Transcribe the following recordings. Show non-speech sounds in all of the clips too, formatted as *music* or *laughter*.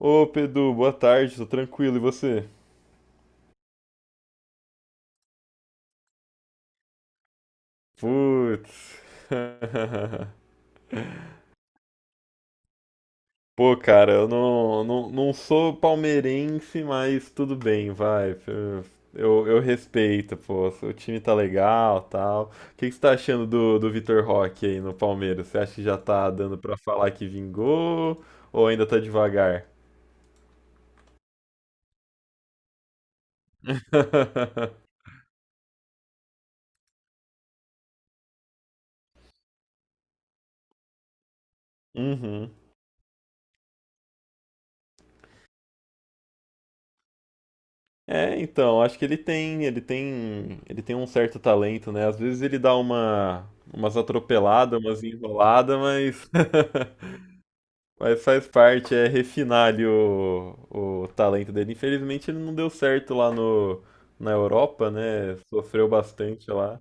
Ô Pedro, boa tarde, tô tranquilo, e você? Putz. *laughs* Pô, cara, eu não sou palmeirense, mas tudo bem, vai. Eu respeito, pô. O time tá legal, tal. O que que você tá achando do Vitor Roque aí no Palmeiras? Você acha que já tá dando pra falar que vingou ou ainda tá devagar? *laughs* Uhum. É, então, acho que ele tem um certo talento, né? Às vezes ele dá umas atropeladas, umas enroladas, mas, *laughs* mas faz parte, é refinar ali o talento dele. Infelizmente ele não deu certo lá no, na Europa, né? Sofreu bastante lá.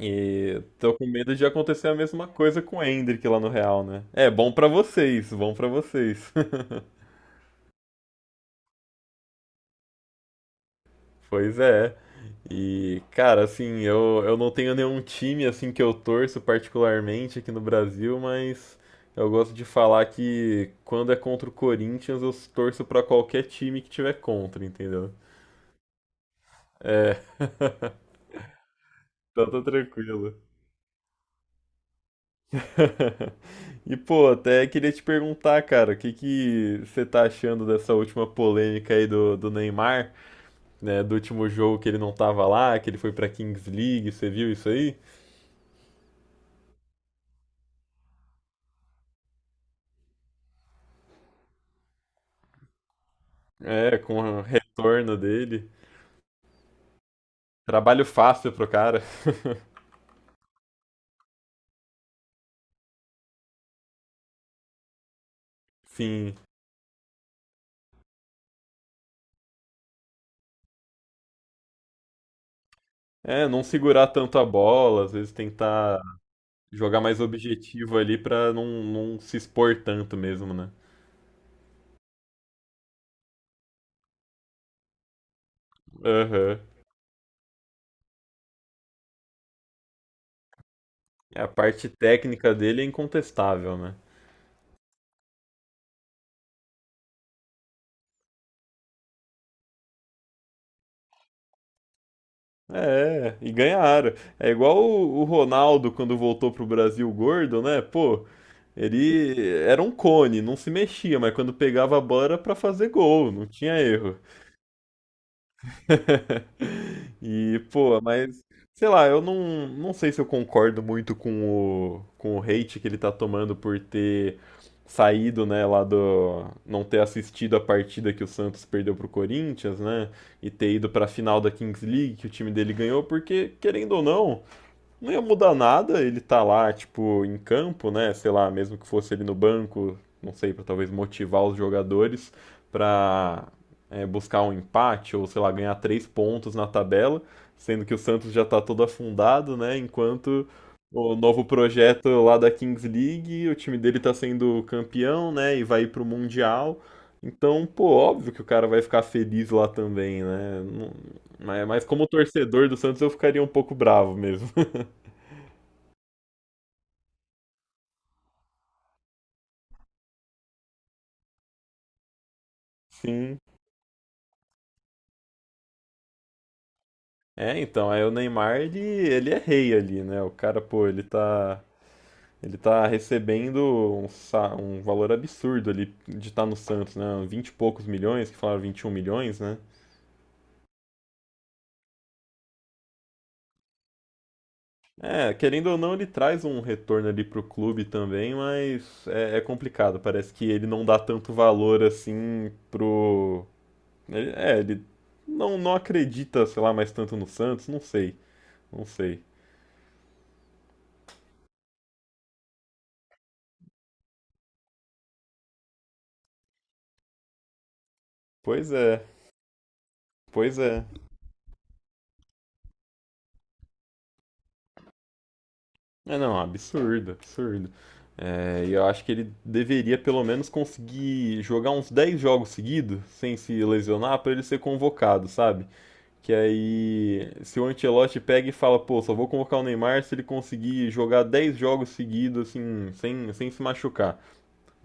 E tô com medo de acontecer a mesma coisa com o Endrick lá no Real, né? É, bom pra vocês, bom pra vocês. *laughs* Pois é. E, cara, assim, eu não tenho nenhum time assim que eu torço particularmente aqui no Brasil, mas eu gosto de falar que quando é contra o Corinthians, eu torço pra qualquer time que tiver contra, entendeu? É, *laughs* então tá tranquilo. *laughs* E, pô, até queria te perguntar, cara, o que que você tá achando dessa última polêmica aí do Neymar, né? Do último jogo que ele não tava lá, que ele foi pra Kings League, você viu isso aí? É, com o retorno dele. Trabalho fácil pro cara. Sim. É, não segurar tanto a bola, às vezes tentar jogar mais objetivo ali pra não se expor tanto mesmo, né? Aham. É, a parte técnica dele é incontestável, né? É, e ganharam. É igual o Ronaldo quando voltou pro Brasil gordo, né? Pô, ele era um cone, não se mexia, mas quando pegava a bola era pra fazer gol, não tinha erro. *laughs* E, pô, mas, sei lá, eu não sei se eu concordo muito com o hate que ele tá tomando por ter saído, né, não ter assistido a partida que o Santos perdeu pro Corinthians, né, e ter ido pra final da Kings League que o time dele ganhou, porque, querendo ou não, não ia mudar nada ele tá lá, tipo, em campo, né? Sei lá, mesmo que fosse ele no banco, não sei, pra talvez motivar os jogadores pra buscar um empate ou, sei lá, ganhar três pontos na tabela, sendo que o Santos já tá todo afundado, né? Enquanto o novo projeto lá da Kings League, o time dele tá sendo campeão, né? E vai ir pro Mundial. Então, pô, óbvio que o cara vai ficar feliz lá também, né? Mas como torcedor do Santos, eu ficaria um pouco bravo mesmo. *laughs* Sim. É, então, aí o Neymar, ele é rei ali, né? O cara, pô, ele tá recebendo um valor absurdo ali de estar no Santos, né? Vinte e poucos milhões, que falaram 21 milhões, né? É, querendo ou não, ele traz um retorno ali pro clube também, mas é complicado. Parece que ele não dá tanto valor assim pro. Ele não acredita, sei lá, mais tanto no Santos, não sei, não sei. Pois é, pois é. É, não, absurdo, absurdo. É, e eu acho que ele deveria pelo menos conseguir jogar uns 10 jogos seguidos, sem se lesionar, pra ele ser convocado, sabe? Que aí, se o Ancelotti pega e fala, pô, só vou convocar o Neymar se ele conseguir jogar 10 jogos seguidos, assim, sem se machucar,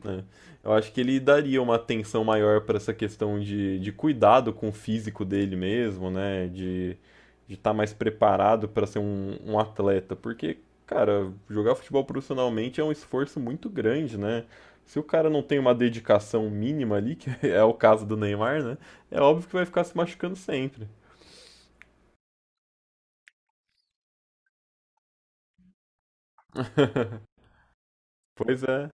né? Eu acho que ele daria uma atenção maior para essa questão de cuidado com o físico dele mesmo, né? De estar mais preparado para ser um atleta, porque, cara, jogar futebol profissionalmente é um esforço muito grande, né? Se o cara não tem uma dedicação mínima ali, que *laughs* é o caso do Neymar, né? É óbvio que vai ficar se machucando sempre. *laughs* Pois é,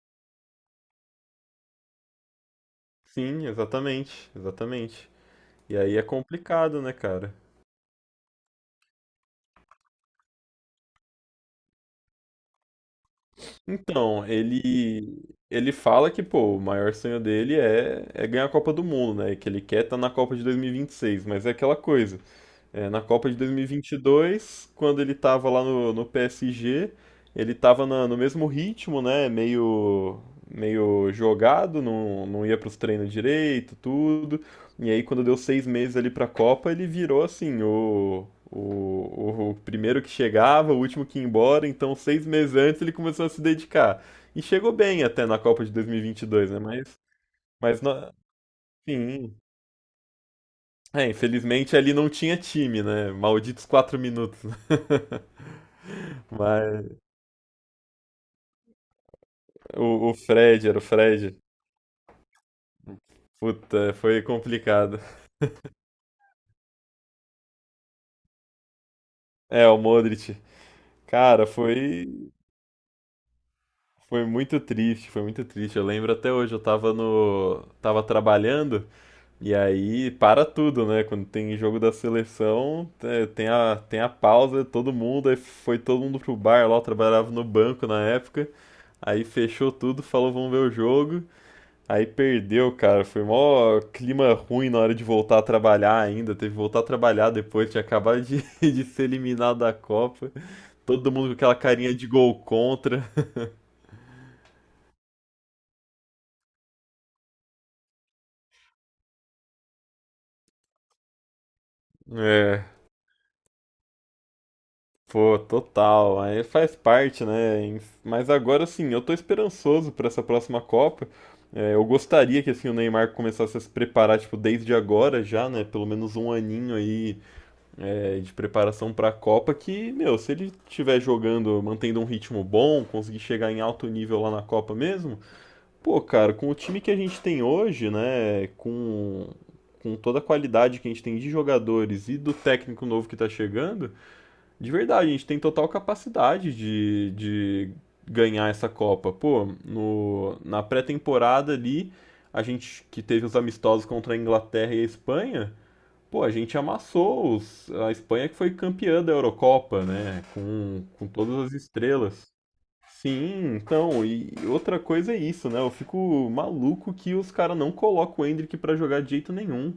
sim, exatamente, exatamente. E aí é complicado, né, cara? Então, ele fala que, pô, o maior sonho dele é, ganhar a Copa do Mundo, né? Que ele quer estar na Copa de dois mil e vinte e seis, mas é aquela coisa. É, na Copa de 2022, quando ele tava lá no PSG, ele tava no mesmo ritmo, né? Meio jogado, não ia pros treinos direito, tudo. E aí, quando deu 6 meses ali pra Copa, ele virou assim, o primeiro que chegava, o último que ia embora. Então, 6 meses antes, ele começou a se dedicar. E chegou bem até na Copa de 2022, né? Mas não, sim. É, infelizmente ali não tinha time, né? Malditos 4 minutos. *laughs* Mas o Fred era o Fred. Puta, foi complicado. É, o Modric. Cara, foi muito triste, foi muito triste. Eu lembro até hoje, eu tava no tava trabalhando e aí para tudo, né? Quando tem jogo da seleção, tem a pausa, todo mundo, aí foi todo mundo pro bar lá, eu trabalhava no banco na época. Aí fechou tudo, falou vamos ver o jogo. Aí perdeu, cara. Foi mó clima ruim na hora de voltar a trabalhar ainda. Teve que voltar a trabalhar depois, tinha acabado de, *laughs* de ser eliminado da Copa. Todo mundo com aquela carinha de gol contra. *laughs* É, pô, total. Aí faz parte, né? Mas agora sim, eu tô esperançoso pra essa próxima Copa. É, eu gostaria que assim o Neymar começasse a se preparar, tipo, desde agora já, né? Pelo menos um aninho aí de preparação para a Copa que, meu, se ele estiver jogando, mantendo um ritmo bom, conseguir chegar em alto nível lá na Copa mesmo, pô, cara, com o time que a gente tem hoje, né, com toda a qualidade que a gente tem de jogadores e do técnico novo que tá chegando, de verdade, a gente tem total capacidade de ganhar essa Copa. Pô, no, na pré-temporada ali, a gente que teve os amistosos contra a Inglaterra e a Espanha, pô, a gente amassou a Espanha que foi campeã da Eurocopa, né? Com todas as estrelas. Sim, então, e outra coisa é isso, né? Eu fico maluco que os caras não colocam o Endrick pra jogar de jeito nenhum.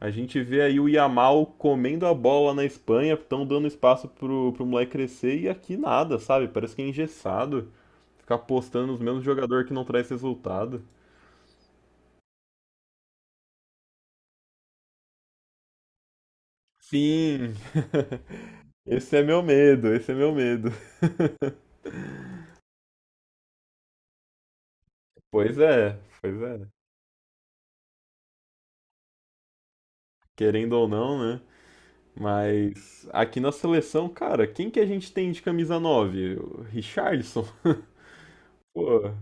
A gente vê aí o Yamal comendo a bola na Espanha, estão dando espaço pro moleque crescer e aqui nada, sabe? Parece que é engessado. Ficar apostando nos mesmos jogadores que não traz resultado. Sim, *laughs* esse é meu medo, esse é meu medo. Pois é, pois é. Querendo ou não, né? Mas aqui na seleção, cara, quem que a gente tem de camisa 9? O Richarlison? *laughs* Pô.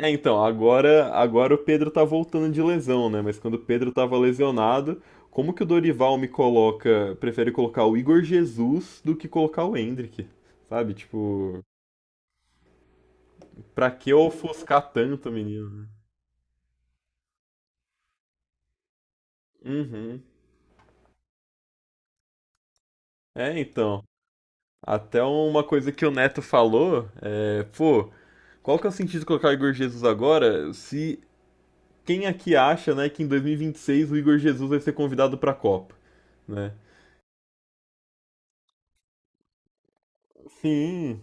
É, então, agora o Pedro tá voltando de lesão, né? Mas quando o Pedro tava lesionado, como que o Dorival me coloca, prefere colocar o Igor Jesus do que colocar o Hendrick? Sabe? Tipo, pra que ofuscar tanto, menino? Né? Uhum. É, então. Até uma coisa que o Neto falou, pô, qual que é o sentido de colocar o Igor Jesus agora se quem aqui acha, né, que em 2026 o Igor Jesus vai ser convidado para a Copa, né? Sim,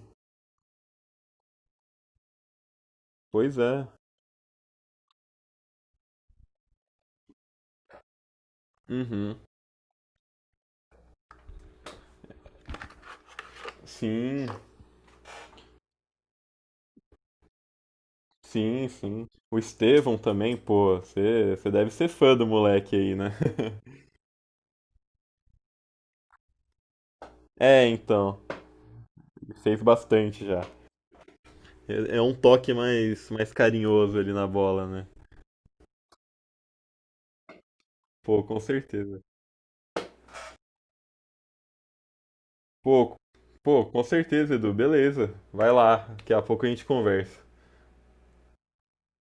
pois é. Uhum. Sim, sim, sim. O Estevão também, pô, você deve ser fã do moleque aí, né? *laughs* É, então, fez bastante já. É um toque mais, mais carinhoso ali na bola, né? Pô, com certeza. Pô, pô, com certeza, Edu, beleza. Vai lá, daqui a pouco a gente conversa.